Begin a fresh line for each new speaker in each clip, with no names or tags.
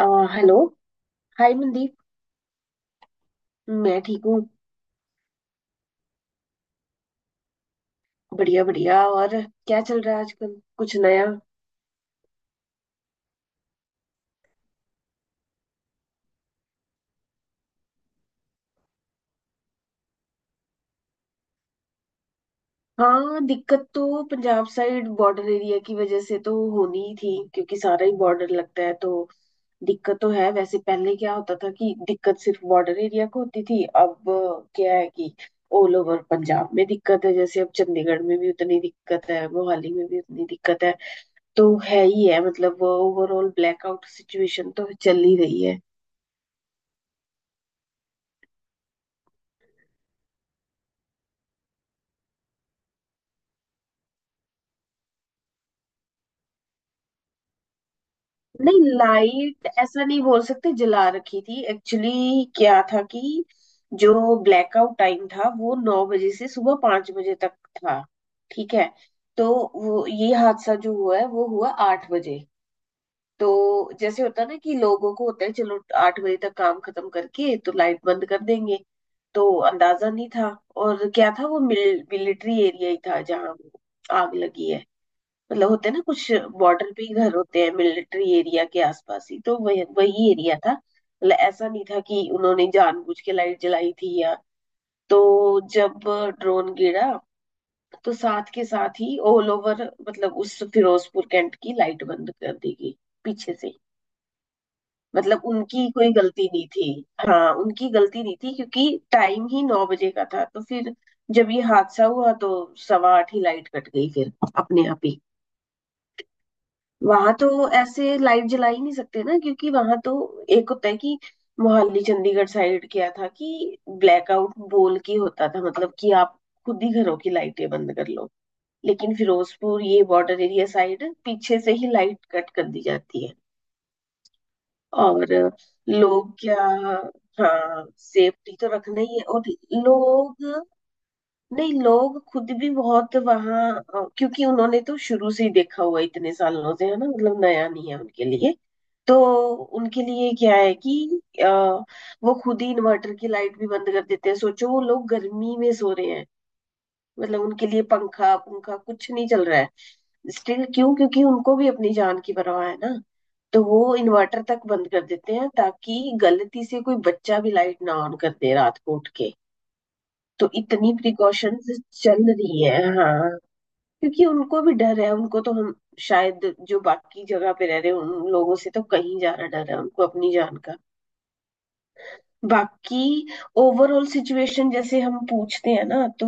आ, hello. Hi Mandeep, मैं ठीक हूँ। बढ़िया बढ़िया, और क्या चल रहा है आजकल, कुछ नया? हाँ, दिक्कत तो पंजाब साइड बॉर्डर एरिया की वजह से तो होनी ही थी क्योंकि सारा ही बॉर्डर लगता है तो दिक्कत तो है। वैसे पहले क्या होता था कि दिक्कत सिर्फ बॉर्डर एरिया को होती थी, अब क्या है कि ऑल ओवर पंजाब में दिक्कत है, जैसे अब चंडीगढ़ में भी उतनी दिक्कत है, मोहाली में भी उतनी दिक्कत है। तो है ही है, मतलब ओवरऑल ब्लैकआउट सिचुएशन तो चल ही रही है। नहीं, लाइट ऐसा नहीं बोल सकते जला रखी थी, एक्चुअली क्या था कि जो ब्लैकआउट टाइम था वो नौ बजे से सुबह पांच बजे तक था, ठीक है? तो वो ये हादसा जो हुआ है वो हुआ आठ बजे। तो जैसे होता है ना कि लोगों को होता है चलो आठ बजे तक काम खत्म करके तो लाइट बंद कर देंगे, तो अंदाजा नहीं था। और क्या था वो मिलिट्री एरिया ही था जहाँ आग लगी है। मतलब होते हैं ना कुछ बॉर्डर पे ही घर होते हैं मिलिट्री एरिया के आसपास ही, तो वही वही एरिया था। मतलब ऐसा नहीं था कि उन्होंने जानबूझ के लाइट जलाई थी या। तो जब ड्रोन गिरा तो साथ के साथ ही ऑल ओवर, मतलब उस फिरोजपुर कैंट की लाइट बंद कर दी गई पीछे से। मतलब उनकी कोई गलती नहीं थी। हाँ, उनकी गलती नहीं थी क्योंकि टाइम ही नौ बजे का था, तो फिर जब ये हादसा हुआ तो सवा आठ ही लाइट कट गई फिर अपने आप ही। वहां तो ऐसे लाइट जला ही नहीं सकते ना क्योंकि वहां तो एक होता है कि मोहाली चंडीगढ़ साइड क्या था कि ब्लैकआउट बोल के होता था, मतलब कि आप खुद ही घरों की लाइटें बंद कर लो, लेकिन फिरोजपुर ये बॉर्डर एरिया साइड पीछे से ही लाइट कट कर दी जाती है। और लोग क्या, हाँ सेफ्टी तो रखना ही है। और लोग, नहीं लोग खुद भी बहुत वहाँ, क्योंकि उन्होंने तो शुरू से ही देखा हुआ है, इतने सालों से है ना, मतलब नया नहीं है उनके लिए। तो उनके लिए क्या है कि वो खुद ही इन्वर्टर की लाइट भी बंद कर देते हैं। सोचो वो लोग गर्मी में सो रहे हैं, मतलब उनके लिए पंखा पंखा कुछ नहीं चल रहा है स्टिल। क्यों? क्योंकि उनको भी अपनी जान की परवाह है ना, तो वो इन्वर्टर तक बंद कर देते हैं ताकि गलती से कोई बच्चा भी लाइट ना ऑन कर दे रात को उठ के। तो इतनी प्रिकॉशंस चल रही है। हाँ, क्योंकि उनको भी डर है, उनको तो हम शायद, जो बाकी जगह पे रह रहे हैं उन लोगों से तो कहीं ज्यादा डर है उनको अपनी जान का। बाकी ओवरऑल सिचुएशन जैसे हम पूछते हैं ना, तो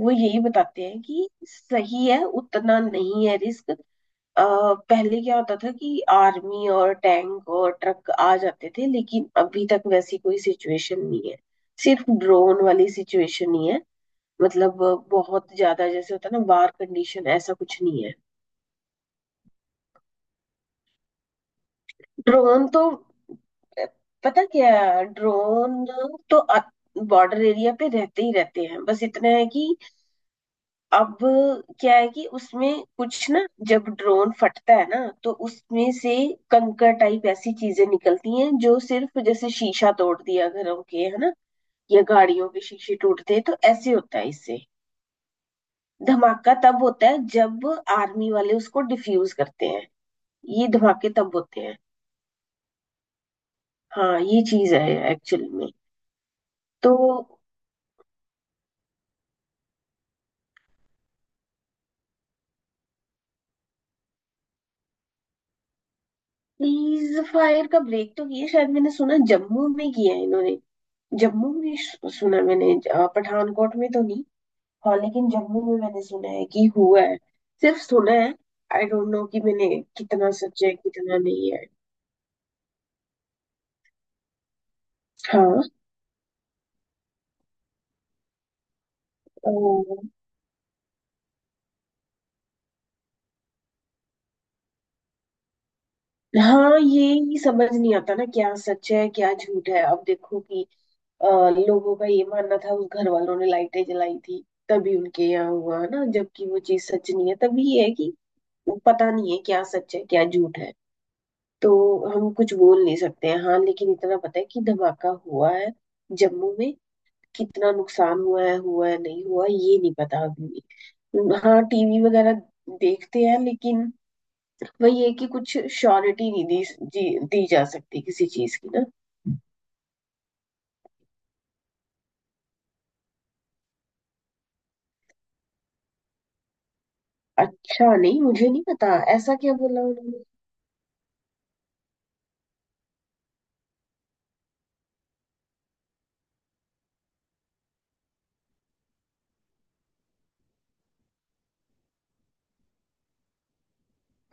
वो यही बताते हैं कि सही है, उतना नहीं है रिस्क। पहले क्या होता था कि आर्मी और टैंक और ट्रक आ जाते थे, लेकिन अभी तक वैसी कोई सिचुएशन नहीं है, सिर्फ ड्रोन वाली सिचुएशन ही है। मतलब बहुत ज्यादा जैसे होता है ना वार कंडीशन, ऐसा कुछ नहीं है। ड्रोन तो, पता क्या है, ड्रोन तो बॉर्डर एरिया पे रहते ही रहते हैं। बस इतना है कि अब क्या है कि उसमें कुछ ना, जब ड्रोन फटता है ना तो उसमें से कंकर टाइप ऐसी चीजें निकलती हैं जो सिर्फ जैसे शीशा तोड़ दिया घरों के, है ना, या गाड़ियों के शीशे टूटते हैं, तो ऐसे होता है इससे। धमाका तब होता है जब आर्मी वाले उसको डिफ्यूज करते हैं, ये धमाके तब होते हैं। हाँ, ये चीज है एक्चुअल में। तो प्लीज फायर का ब्रेक तो ये शायद मैंने सुना जम्मू में किया है इन्होंने। जम्मू में सुना मैंने, पठानकोट में तो नहीं। हाँ लेकिन जम्मू में मैंने सुना है कि हुआ है, सिर्फ सुना है। आई डोंट नो कि मैंने कितना सच है कितना नहीं है। हाँ। ओ, हाँ ये ही समझ नहीं आता ना क्या सच है क्या झूठ है। अब देखो कि लोगों का ये मानना था उस घर वालों ने लाइटें जलाई थी तभी उनके यहाँ हुआ ना, जबकि वो चीज सच नहीं है। तभी ये है कि वो पता नहीं है क्या सच है क्या झूठ है, तो हम कुछ बोल नहीं सकते हैं। हाँ लेकिन इतना पता है कि धमाका हुआ है जम्मू में, कितना नुकसान हुआ है, हुआ है नहीं हुआ ये नहीं पता अभी भी। हाँ टीवी वगैरह देखते हैं, लेकिन वही है कि कुछ श्योरिटी नहीं दी दी जा सकती किसी चीज की ना। अच्छा, नहीं मुझे नहीं पता ऐसा क्या बोला उन्होंने।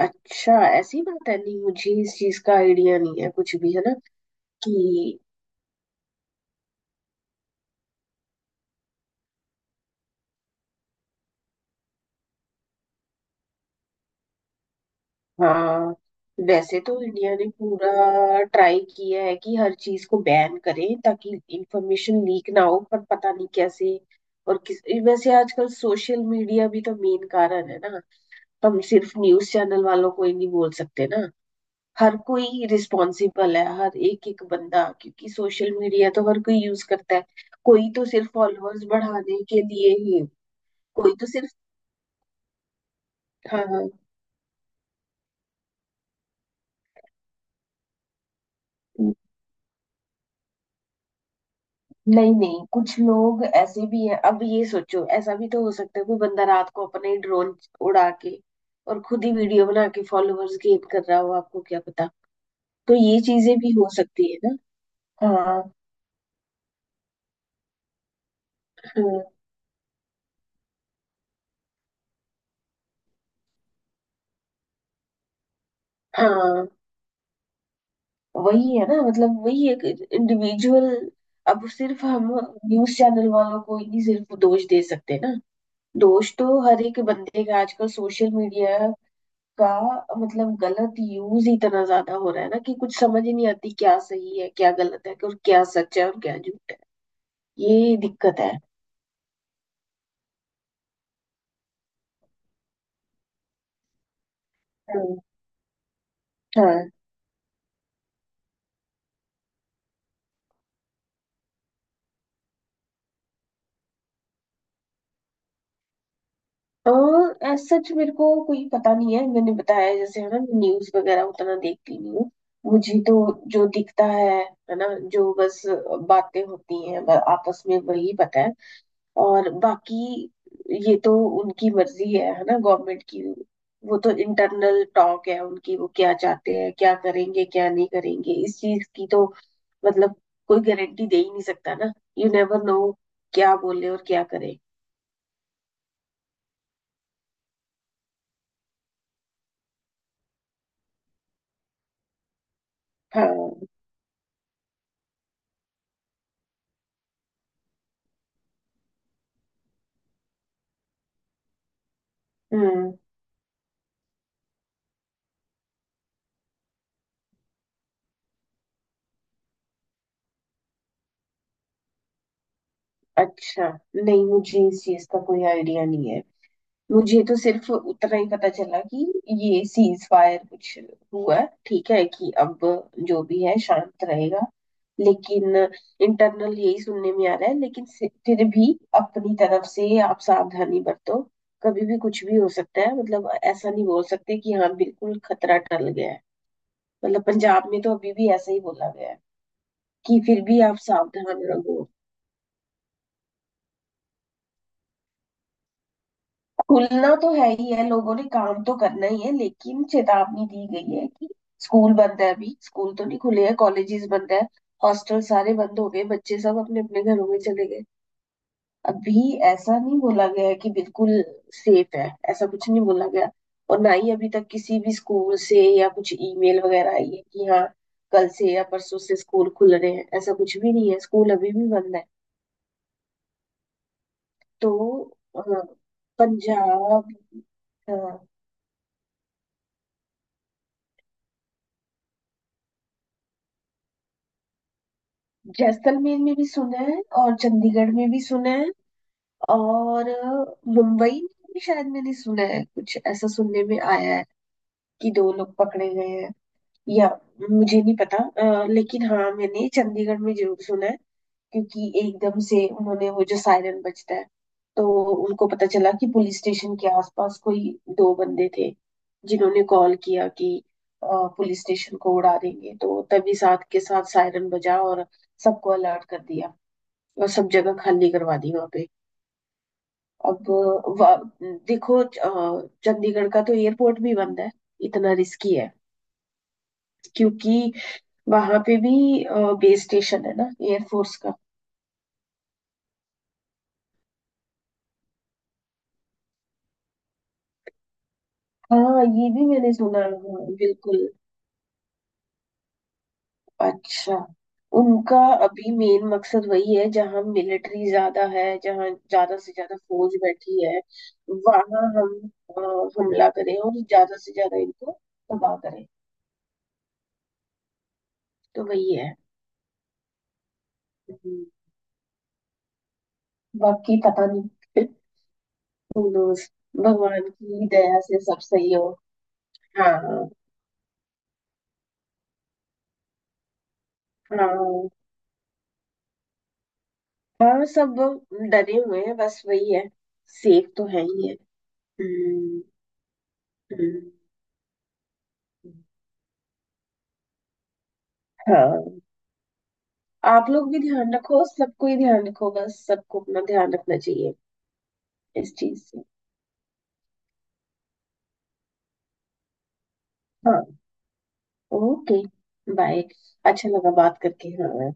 अच्छा, ऐसी बात है, नहीं मुझे इस चीज का आइडिया नहीं है कुछ भी, है ना कि हाँ। वैसे तो इंडिया ने पूरा ट्राई किया है कि हर चीज को बैन करे ताकि इंफॉर्मेशन लीक ना हो, पर पता नहीं कैसे और किस। वैसे आजकल सोशल मीडिया भी तो मेन कारण है ना, हम सिर्फ न्यूज चैनल वालों को ही नहीं बोल सकते ना। हर कोई रिस्पॉन्सिबल है, हर एक एक बंदा, क्योंकि सोशल मीडिया तो हर कोई यूज करता है। कोई तो सिर्फ फॉलोअर्स बढ़ाने के लिए ही, कोई तो सिर्फ। हाँ हाँ। नहीं नहीं, कुछ लोग ऐसे भी हैं। अब ये सोचो, ऐसा भी तो हो सकता है कोई बंदा रात को अपने ड्रोन उड़ा के और खुद ही वीडियो बना के फॉलोअर्स गेन कर रहा हो, आपको क्या पता, तो ये चीजें भी हो सकती है ना। हाँ। हाँ हाँ, वही है ना, मतलब वही एक इंडिविजुअल। अब सिर्फ हम न्यूज चैनल वालों को ही सिर्फ दोष दे सकते हैं ना, दोष तो हर एक बंदे का, आजकल सोशल मीडिया का, मतलब गलत यूज ही इतना ज्यादा हो रहा है ना कि कुछ समझ ही नहीं आती क्या सही है क्या गलत है, और क्या सच है और क्या झूठ है। ये दिक्कत है। हम्म, हाँ। और as सच मेरे को कोई पता नहीं है, मैंने बताया जैसे, है ना, न्यूज वगैरह उतना देखती नहीं हूँ। मुझे तो जो दिखता है ना, जो बस बातें होती हैं आपस में, वही पता है। और बाकी ये तो उनकी मर्जी है ना, गवर्नमेंट की। वो तो इंटरनल टॉक है उनकी, वो क्या चाहते हैं क्या करेंगे क्या नहीं करेंगे इस चीज की तो मतलब कोई गारंटी दे ही नहीं सकता ना। यू नेवर नो क्या बोले और क्या करे। हाँ। हम्म। अच्छा, नहीं मुझे इस चीज का कोई आइडिया नहीं है, मुझे तो सिर्फ उतना ही पता चला कि ये सीज फायर कुछ हुआ, ठीक है कि अब जो भी है शांत रहेगा, लेकिन इंटरनल यही सुनने में आ रहा है। लेकिन फिर भी अपनी तरफ से आप सावधानी बरतो, कभी भी कुछ भी हो सकता है। मतलब ऐसा नहीं बोल सकते कि हाँ बिल्कुल खतरा टल गया है। मतलब पंजाब में तो अभी भी ऐसा ही बोला गया है कि फिर भी आप सावधान रहो। खुलना तो है ही है, लोगों ने काम तो करना ही है, लेकिन चेतावनी दी गई है कि स्कूल बंद है, अभी स्कूल तो नहीं खुले हैं, कॉलेजेस बंद है, हॉस्टल सारे बंद हो गए, बच्चे सब अपने अपने घरों में चले गए। अभी ऐसा नहीं बोला गया है कि बिल्कुल सेफ है, ऐसा कुछ नहीं बोला गया, और ना ही अभी तक किसी भी स्कूल से या कुछ ईमेल वगैरह आई है कि हाँ कल से या परसों से स्कूल खुल रहे हैं, ऐसा कुछ भी नहीं है, स्कूल अभी भी बंद है। तो अ, पंजाब। जैसलमेर में भी सुना है और चंडीगढ़ में भी सुना है और मुंबई में भी शायद मैंने सुना है, कुछ ऐसा सुनने में आया है कि दो लोग पकड़े गए हैं या, मुझे नहीं पता। लेकिन हाँ मैंने चंडीगढ़ में जरूर सुना है, क्योंकि एकदम से उन्होंने वो जो सायरन बजता है तो उनको पता चला कि पुलिस स्टेशन के आसपास कोई दो बंदे थे जिन्होंने कॉल किया कि अ, पुलिस स्टेशन को उड़ा देंगे, तो तभी साथ के साथ सायरन बजा और सबको अलर्ट कर दिया और सब जगह खाली करवा दी वहां पे। अब वा- देखो, चंडीगढ़ का तो एयरपोर्ट भी बंद है, इतना रिस्की है क्योंकि वहां पे भी बेस स्टेशन है ना एयरफोर्स का। हाँ ये भी मैंने सुना है, हाँ, बिल्कुल। अच्छा। उनका अभी मेन मकसद वही है जहां मिलिट्री ज्यादा है, जहां ज्यादा से ज्यादा फौज बैठी है वहां हम अ, हमला करें और ज्यादा से ज्यादा इनको तबाह करें, तो वही है। हम्म, बाकी पता नहीं। खुलूस। भगवान की दया से सब सही हो। हाँ। हाँ हाँ, सब डरे हुए हैं बस वही है, सेफ तो है ही है। हम्म। हम्म, हाँ आप लोग भी ध्यान रखो, सबको ही ध्यान रखो, बस सबको अपना ध्यान रखना चाहिए इस चीज से। हाँ, ओके, बाय। अच्छा लगा बात करके, हाँ।